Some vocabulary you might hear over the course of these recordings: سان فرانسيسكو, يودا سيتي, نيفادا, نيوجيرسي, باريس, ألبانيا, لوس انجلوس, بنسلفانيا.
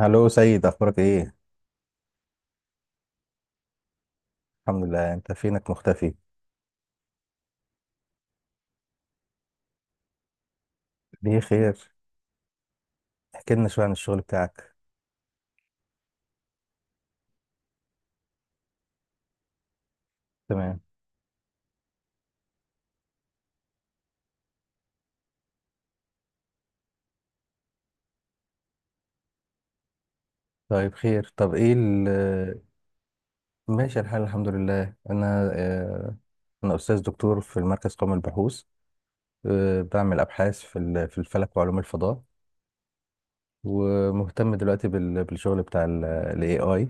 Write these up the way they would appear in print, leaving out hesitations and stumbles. هلو سيد، اخبارك ايه؟ الحمد لله. انت فينك مختفي؟ ليه؟ خير؟ احكي لنا شويه عن الشغل بتاعك. تمام. طيب، خير. طب ايه ماشي الحال، الحمد لله. انا استاذ دكتور في المركز قومي للبحوث. بعمل ابحاث في الفلك وعلوم الفضاء. ومهتم دلوقتي بالشغل بتاع الاي اي،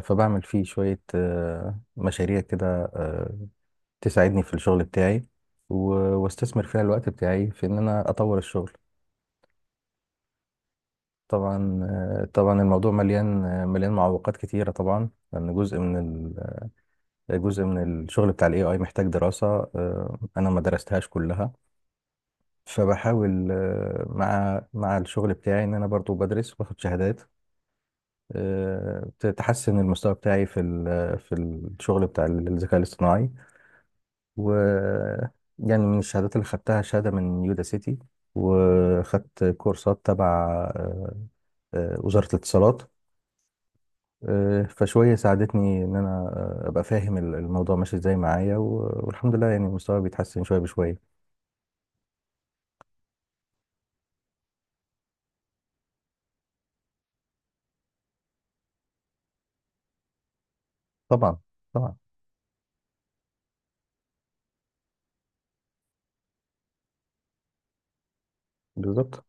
فبعمل فيه شويه مشاريع كده، آه، تساعدني في الشغل بتاعي، و- واستثمر فيها الوقت بتاعي في ان انا اطور الشغل. طبعا، طبعا الموضوع مليان، مليان معوقات كتيرة طبعا، لأن جزء من الشغل بتاع الاي اي محتاج دراسة. أنا ما درستهاش كلها، فبحاول مع الشغل بتاعي إن أنا برضو بدرس واخد شهادات، آه، تحسن المستوى بتاعي في الشغل بتاع الذكاء الاصطناعي، و يعني من الشهادات اللي خدتها شهادة من يودا سيتي، وخدت كورسات تبع آه، وزارة الاتصالات. فشوية ساعدتني إن أنا أبقى فاهم الموضوع ماشي إزاي معايا، والحمد لله، يعني مستواي بيتحسن شوية بشوية. طبعا، طبعا. بالظبط.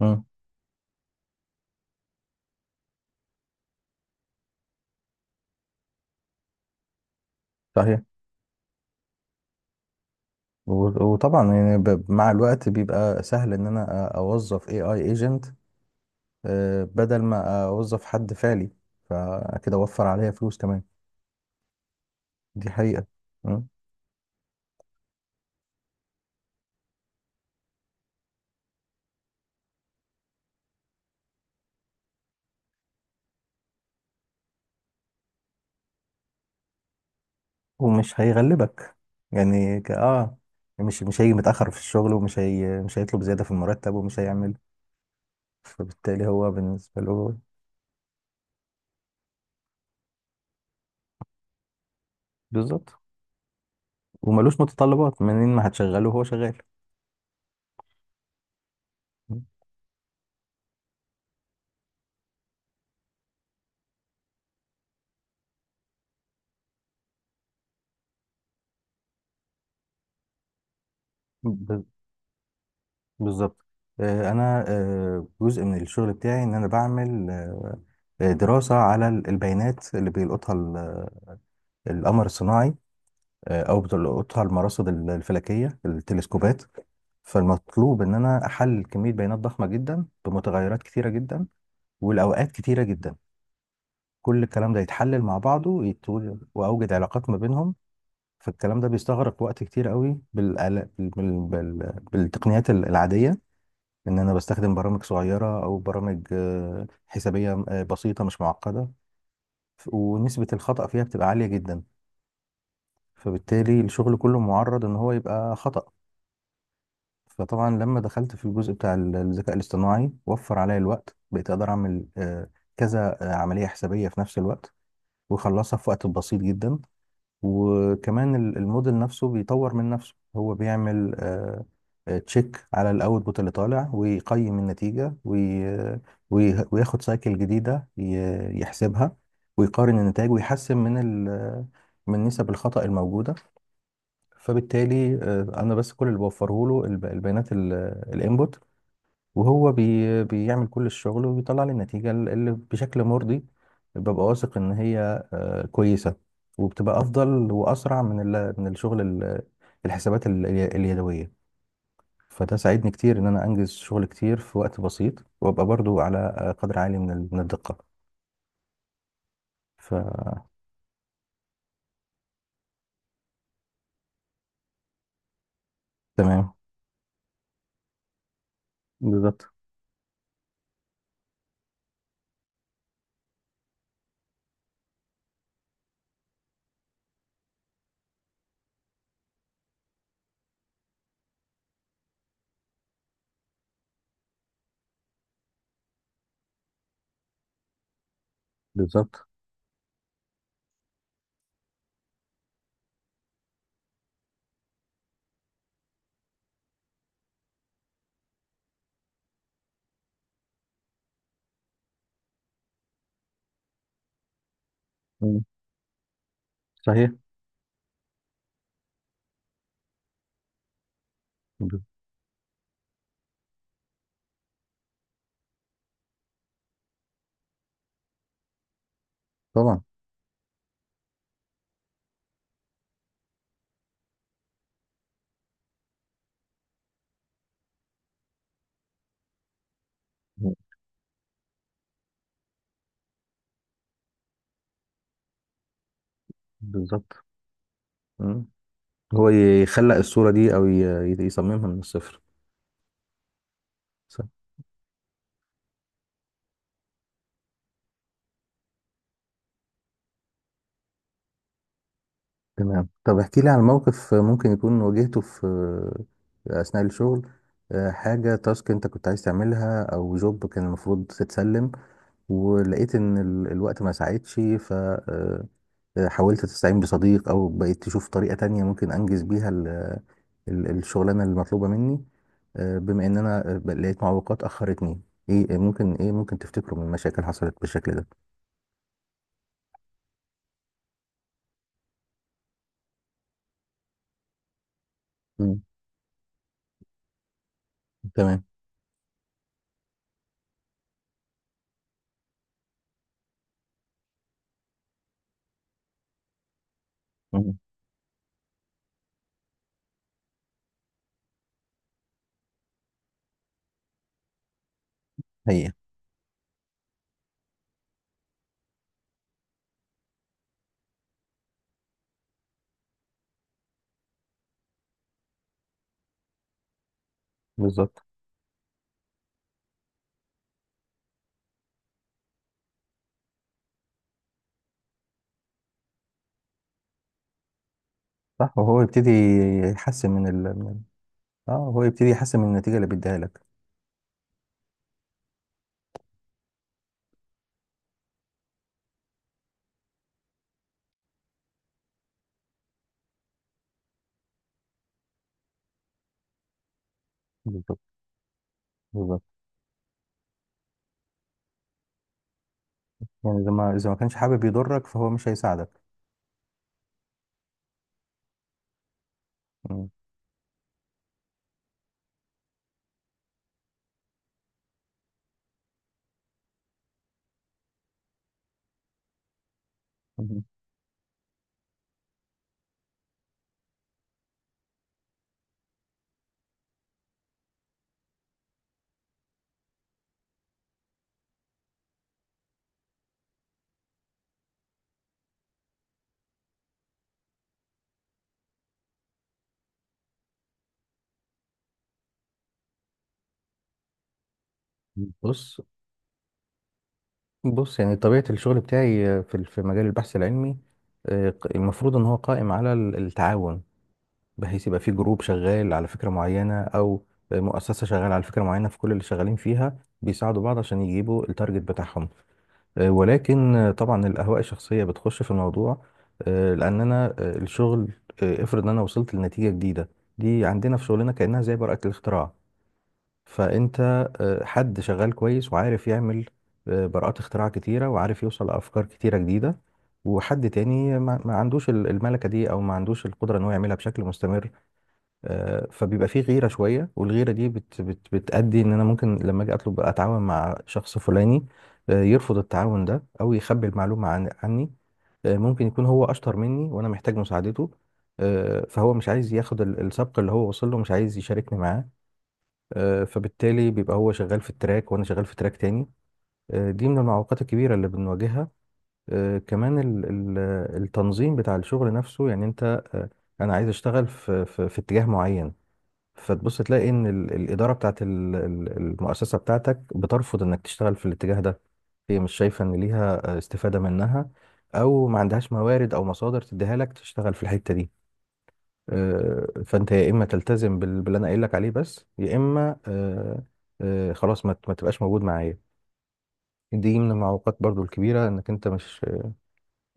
مم. صحيح. وطبعا يعني، مع الوقت بيبقى سهل إن أنا أوظف AI agent، بدل ما أوظف حد فعلي، فكده أوفر عليا فلوس كمان. دي حقيقة. مم. ومش هيغلبك. يعني مش هيجي متأخر في الشغل، ومش هي مش هيطلب زيادة في المرتب، ومش هيعمل. فبالتالي هو، بالنسبة له، بالظبط. وملوش متطلبات، منين ما هتشغله هو شغال. ب- بالظبط. انا، جزء من الشغل بتاعي ان انا بعمل دراسة على البيانات اللي بيلقطها القمر الصناعي، او بتلقطها المراصد الفلكية، التلسكوبات. فالمطلوب ان انا احلل كمية بيانات ضخمة جدا بمتغيرات كتيرة جدا والاوقات كتيرة جدا. كل الكلام ده يتحلل مع بعضه، واوجد علاقات ما بينهم. فالكلام ده بيستغرق وقت كتير قوي بالتقنيات العادية، ان انا بستخدم برامج صغيرة او برامج حسابية بسيطة مش معقدة، ونسبة الخطأ فيها بتبقى عالية جدا، فبالتالي الشغل كله معرض ان هو يبقى خطأ. فطبعا لما دخلت في الجزء بتاع الذكاء الاصطناعي، وفر عليا الوقت، بقيت اقدر اعمل كذا عملية حسابية في نفس الوقت، واخلصها في وقت بسيط جدا. وكمان الموديل نفسه بيطور من نفسه، هو بيعمل تشيك على الاوتبوت اللي طالع، ويقيم النتيجة، وياخد سايكل جديدة، يحسبها، ويقارن النتائج، ويحسن ال- من نسب الخطأ الموجودة. فبالتالي انا بس كل اللي بوفره له البيانات الانبوت، وهو بيعمل كل الشغل، وبيطلع لي النتيجة اللي بشكل مرضي. ببقى واثق ان هي كويسة، وبتبقى أفضل وأسرع من الشغل الحسابات اليدوية. فده ساعدني كتير إن أنا أنجز شغل كتير في وقت بسيط، وأبقى برضو على قدر عالي من الدقة. فتمام. بالظبط. بالظبط. مم. صحيح. ب- طبعا. مم. بالظبط. مم. هو يخلق الصورة دي، أو يصممها من الصفر. تمام. طب احكي لي عن موقف ممكن يكون واجهته في أثناء الشغل، حاجة تاسك انت كنت عايز تعملها، او جوب كان المفروض تتسلم، ولقيت ان الوقت ما ساعدش، فحاولت تستعين بصديق، او بقيت تشوف طريقة تانية ممكن انجز بيها الشغلانة المطلوبة مني، بما ان انا لقيت معوقات اخرتني. ايه ممكن تفتكره من مشاكل حصلت بالشكل ده؟ مم. تمام. مم. حقيقة. بالظبط. صح، وهو يبتدي يحسن من ال... من ال- اه، هو يبتدي يحسن من النتيجة اللي بيديها لك. بالظبط. بالظبط. يعني إذا ما كانش حابب يضرك، فهو مش هيساعدك. مم. مم. بص. بص، يعني طبيعة الشغل بتاعي في مجال البحث العلمي، المفروض إن هو قائم على التعاون، بحيث يبقى في جروب شغال على فكرة معينة، أو مؤسسة شغالة على فكرة معينة، فكل اللي شغالين فيها بيساعدوا بعض عشان يجيبوا التارجت بتاعهم. ولكن، طبعا الأهواء الشخصية بتخش في الموضوع. لأن أنا، الشغل، افرض إن أنا وصلت لنتيجة جديده، دي عندنا في شغلنا كأنها زي براءة الاختراع. فأنت، حد شغال كويس وعارف يعمل براءات اختراع كتيرة، وعارف يوصل لأفكار كتيرة جديدة، وحد تاني ما عندوش الملكة دي، أو ما عندوش القدرة إن هو يعملها بشكل مستمر. فبيبقى فيه غيرة شوية، والغيرة دي بت بت بتأدي إن أنا ممكن لما أجي أطلب أتعاون مع شخص فلاني، يرفض التعاون ده، أو يخبي المعلومة عن عني. ممكن يكون هو أشطر مني وأنا محتاج مساعدته، فهو مش عايز ياخد السبق اللي هو وصل له، مش عايز يشاركني معاه. فبالتالي بيبقى هو شغال في التراك، وأنا شغال في تراك تاني. دي من المعوقات الكبيرة اللي بنواجهها. كمان التنظيم بتاع الشغل نفسه، يعني أنت، آه، أنا عايز أشتغل في اتجاه معين، فتبص تلاقي ان الاداره بتاعت المؤسسه بتاعتك بترفض انك تشتغل في الاتجاه ده. هي مش شايفه ان ليها استفاده منها، او ما عندهاش موارد او مصادر تديها لك تشتغل في الحته دي. فانت يا اما تلتزم باللي انا قايل لك عليه بس، يا اما خلاص ما تبقاش موجود معايا. دي من المعوقات برضو الكبيره، انك انت مش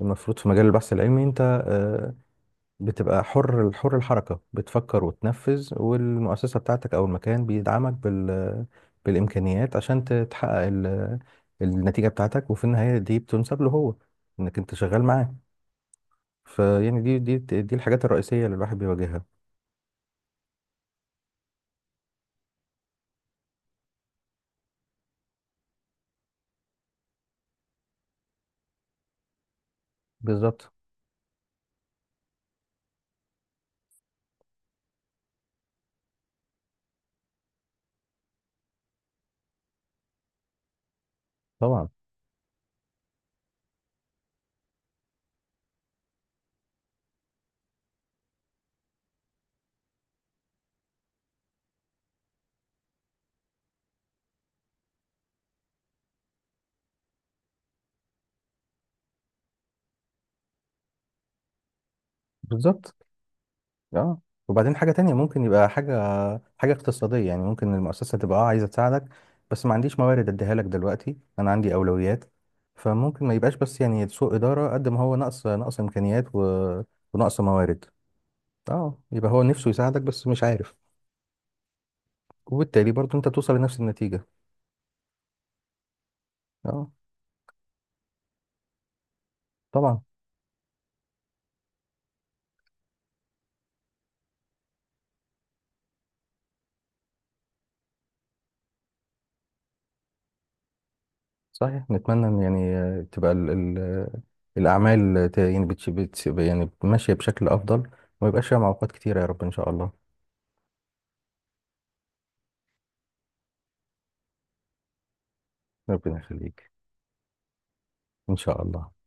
المفروض في مجال البحث العلمي. انت آه، بتبقى حر، حر الحركة، بتفكر وتنفذ، والمؤسسة بتاعتك أو المكان بيدعمك بالإمكانيات عشان تحقق النتيجة بتاعتك، وفي النهاية دي بتنسب له هو، إنك أنت شغال معاه. فيعني دي الحاجات الرئيسية اللي الواحد بيواجهها. بالظبط. طبعا. بالظبط. اه، وبعدين حاجة تانية، ممكن يبقى حاجة، حاجة اقتصادية. يعني ممكن المؤسسة تبقى، اه، عايزة تساعدك، بس ما عنديش موارد اديها لك دلوقتي، انا عندي اولويات. فممكن ما يبقاش بس يعني سوء إدارة قد ما هو نقص، امكانيات، ونقص موارد. اه، يبقى هو نفسه يساعدك بس مش عارف، وبالتالي برضه انت توصل لنفس النتيجة. اه، طبعا. صحيح، نتمنى ان يعني، تبقى الاعمال يعني يعني ماشية بشكل افضل، وما يبقاش فيها معوقات كتيرة، يا رب، ان شاء الله. ربنا يخليك. إن شاء الله.